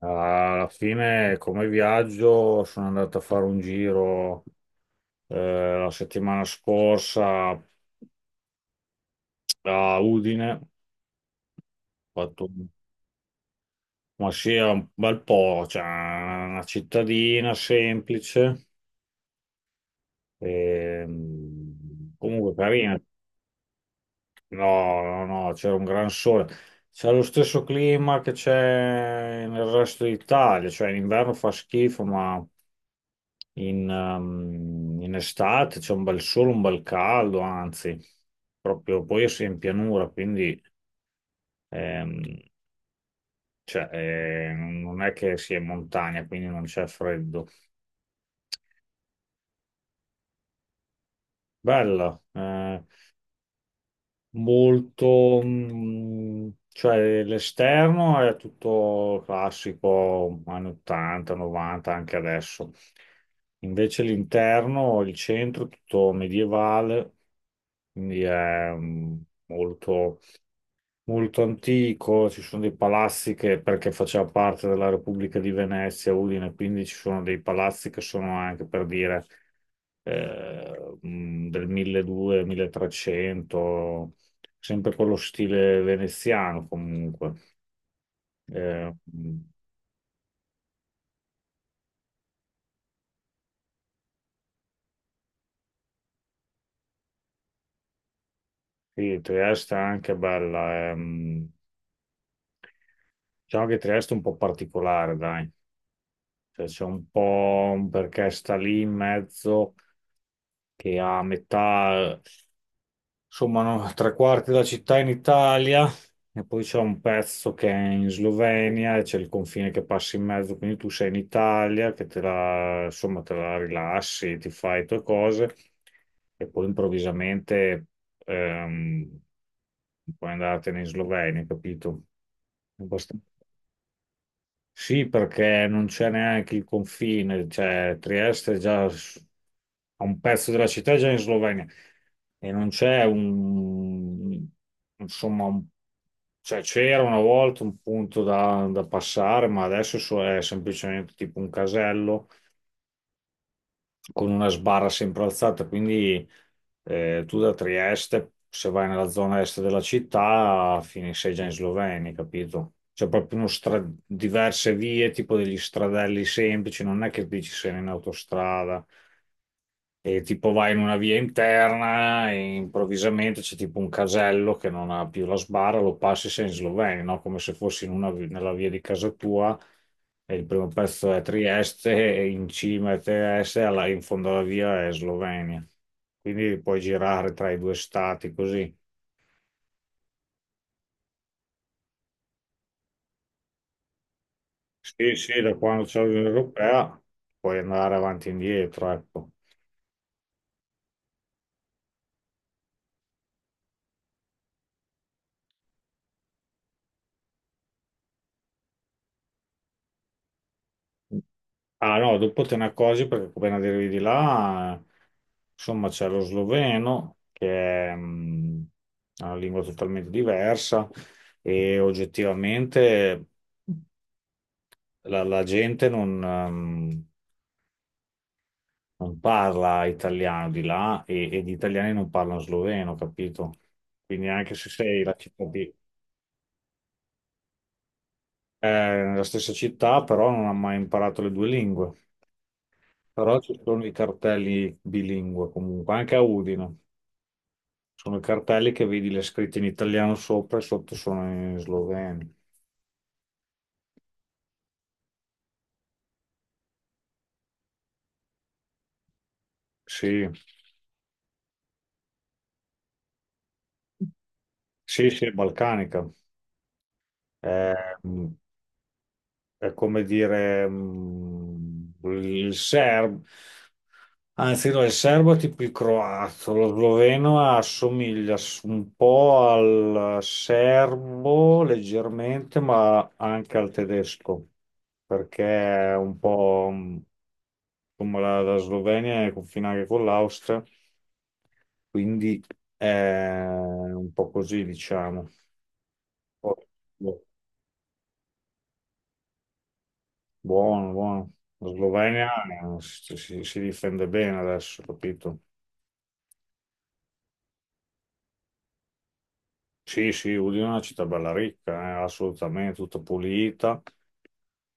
Alla fine, come viaggio, sono andato a fare un giro la settimana scorsa a Udine. Fatto un- ma sì, è un bel po', cioè una cittadina semplice comunque carina. No, no, no, c'era un gran sole. C'è lo stesso clima che c'è nel resto d'Italia, cioè in inverno fa schifo, ma in estate c'è un bel sole, un bel caldo, anzi, proprio poi io sono in pianura, quindi ehm, non è che sia in montagna, quindi non c'è freddo. Bella, cioè l'esterno è tutto classico, anni 80, 90, anche adesso. Invece l'interno, il centro, è tutto medievale, quindi è mm, molto molto antico, ci sono dei palazzi che, perché faceva parte della Repubblica di Venezia, Udine, quindi ci sono dei palazzi che sono anche per dire del 1200-1300, sempre con lo stile veneziano comunque. Eh, mh, sì, Trieste è anche bella, diciamo che Trieste è un po' particolare, dai. Cioè, c'è un po' un perché sta lì in mezzo che ha a metà. Insomma, no, tre quarti della città in Italia e poi c'è un pezzo che è in Slovenia e c'è il confine che passa in mezzo, quindi tu sei in Italia che te la, insomma, te la rilassi, ti fai le tue cose e poi improvvisamente ehm, puoi andartene in Slovenia, capito? È abbastanza. Sì, perché non c'è neanche il confine, cioè Trieste è già s- a un pezzo della città è già in Slovenia e non c'è insomma, un- cioè c'era una volta un punto da, da passare, ma adesso è semplicemente tipo un casello con una sbarra sempre alzata, quindi tu da Trieste, se vai nella zona est della città, finisci già in Slovenia, capito? C'è proprio diverse vie, tipo degli stradelli semplici, non è che dici sei in autostrada. E tipo vai in una via interna e improvvisamente c'è tipo un casello che non ha più la sbarra, lo passi sei in Slovenia, no? Come se fossi in una nella via di casa tua e il primo pezzo è Trieste e in cima è Trieste e in fondo alla via è Slovenia. Quindi puoi girare tra i due stati così. Sì, sì, da quando c'è l'Unione Europea puoi andare avanti e indietro, ecco. Ah no, dopo te ne accorgi perché appena arrivi di là, insomma, c'è lo sloveno, che è una lingua totalmente diversa e oggettivamente la gente non parla italiano di là e gli italiani non parlano sloveno, capito? Quindi anche se sei nella stessa città, però non ha mai imparato le due lingue. Però ci sono i cartelli bilingue comunque, anche a Udine. Sono i cartelli che vedi le scritte in italiano sopra e sotto sono in sloveno. Sì, sì, sì, è balcanica. È, mm, è come dire il serbo, anzi no, il serbo è tipo il croato, lo sloveno assomiglia un po' al serbo leggermente, ma anche al tedesco, perché è un po' come la Slovenia è confina anche con l'Austria. Quindi è un po' così, diciamo. Poi, boh. Buono, buono. La Slovenia si difende bene adesso, capito? Sì, sì, Udine è una città bella ricca, assolutamente, tutta pulita.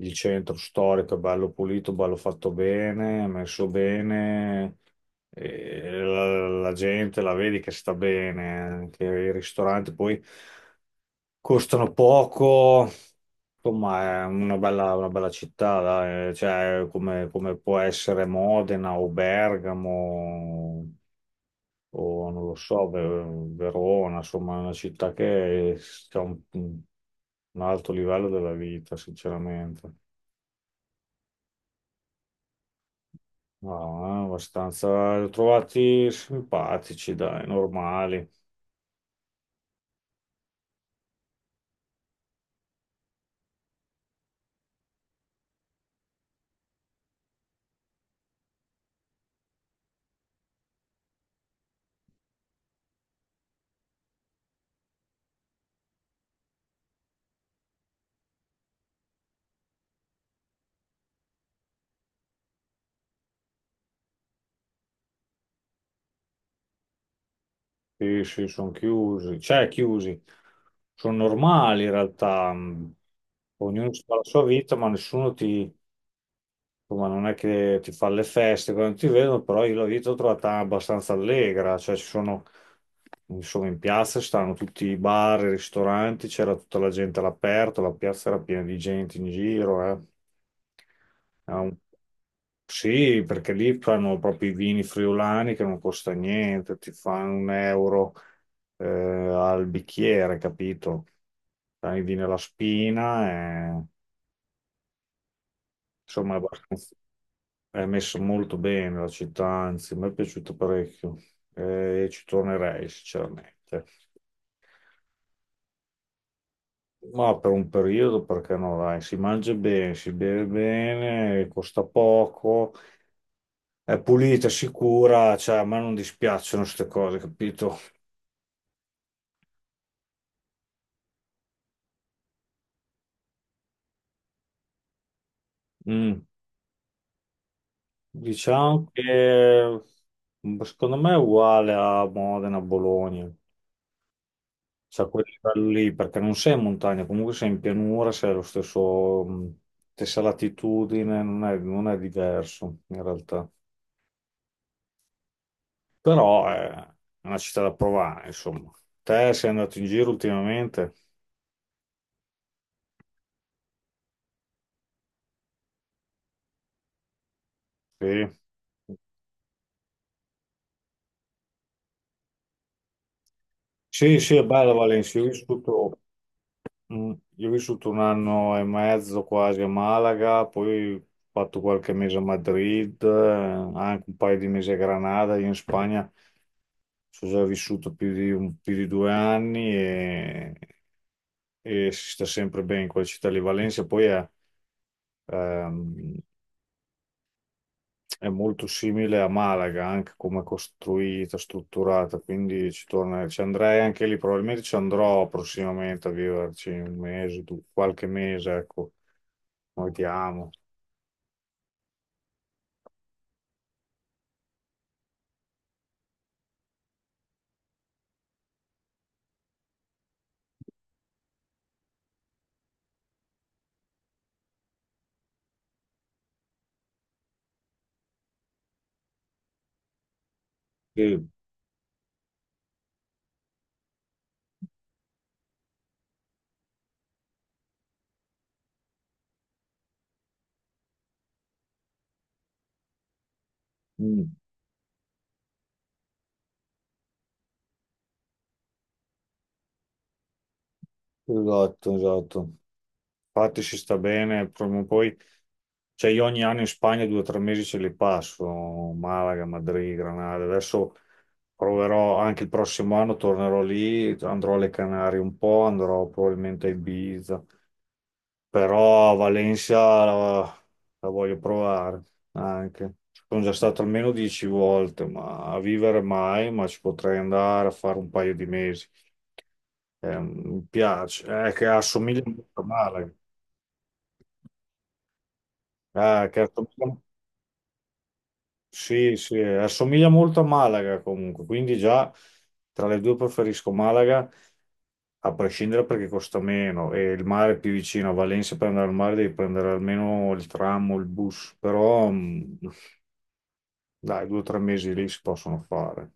Il centro storico è bello pulito, bello fatto bene, messo bene. E la gente la vedi che sta bene, anche i ristoranti poi. Costano poco, insomma, è una bella città, dai. Cioè, come può essere Modena o Bergamo o non lo so, Verona, insomma, è una città che ha un alto livello della vita, sinceramente. No, abbastanza li ho trovati simpatici, dai, normali. Sì, sì, sono chiusi, cioè chiusi, sono normali in realtà, ognuno fa la sua vita, ma nessuno ti, ma non è che ti fa le feste quando ti vedono, però io la vita l'ho trovata abbastanza allegra, cioè ci sono, insomma, in piazza stanno tutti i bar, i ristoranti, c'era tutta la gente all'aperto, la piazza era piena di gente in giro, eh. Era un- Sì, perché lì fanno proprio i vini friulani che non costa niente, ti fanno 1 euro al bicchiere, capito? Fai i vini alla spina. Insomma, è abbastanza- è messa molto bene la città, anzi, mi è piaciuto parecchio e ci tornerei sinceramente. Ma per un periodo, perché no, dai, si mangia bene, si beve bene, costa poco, è pulita, sicura, cioè a me non dispiacciono queste cose, capito? Mm. Diciamo che secondo me è uguale a Modena, Bologna. Cioè, a quel livello lì, perché non sei in montagna, comunque sei in pianura, sei allo stessa latitudine, non è diverso in realtà. Però è una città da provare, insomma. Te sei andato in giro ultimamente? Sì. Sì, sì, è bella Valencia, io ho vissuto. Mm. Io ho vissuto 1 anno e mezzo quasi a Malaga, poi ho fatto qualche mese a Madrid, anche un paio di mesi a Granada, io in Spagna non so se ho vissuto più di 2 anni e si sta sempre bene in quella città lì. Valencia poi ehm, è molto simile a Malaga, anche come è costruita, strutturata, quindi ci andrei anche lì, probabilmente ci andrò prossimamente a viverci un mese, qualche mese, ecco. Noi ti amo. Sì. Mm. Esatto, esatto. Infatti ci sta bene, prima o poi, cioè io ogni anno in Spagna 2 o 3 mesi ce li passo, Malaga, Madrid, Granada. Adesso proverò anche il prossimo anno, tornerò lì, andrò alle Canarie un po', andrò probabilmente a Ibiza, però a Valencia la, la voglio provare anche. Sono già stato almeno 10 volte, ma a vivere mai, ma ci potrei andare a fare un paio di mesi. Mi piace, che assomiglia molto a Malaga. Eh, che assomiglia- Sì, sì, assomiglia molto a Malaga comunque, quindi già tra le due preferisco Malaga, a prescindere perché costa meno e il mare è più vicino. A Valencia per andare al mare devi prendere almeno il tram o il bus, però dai, 2 o 3 mesi lì si possono fare.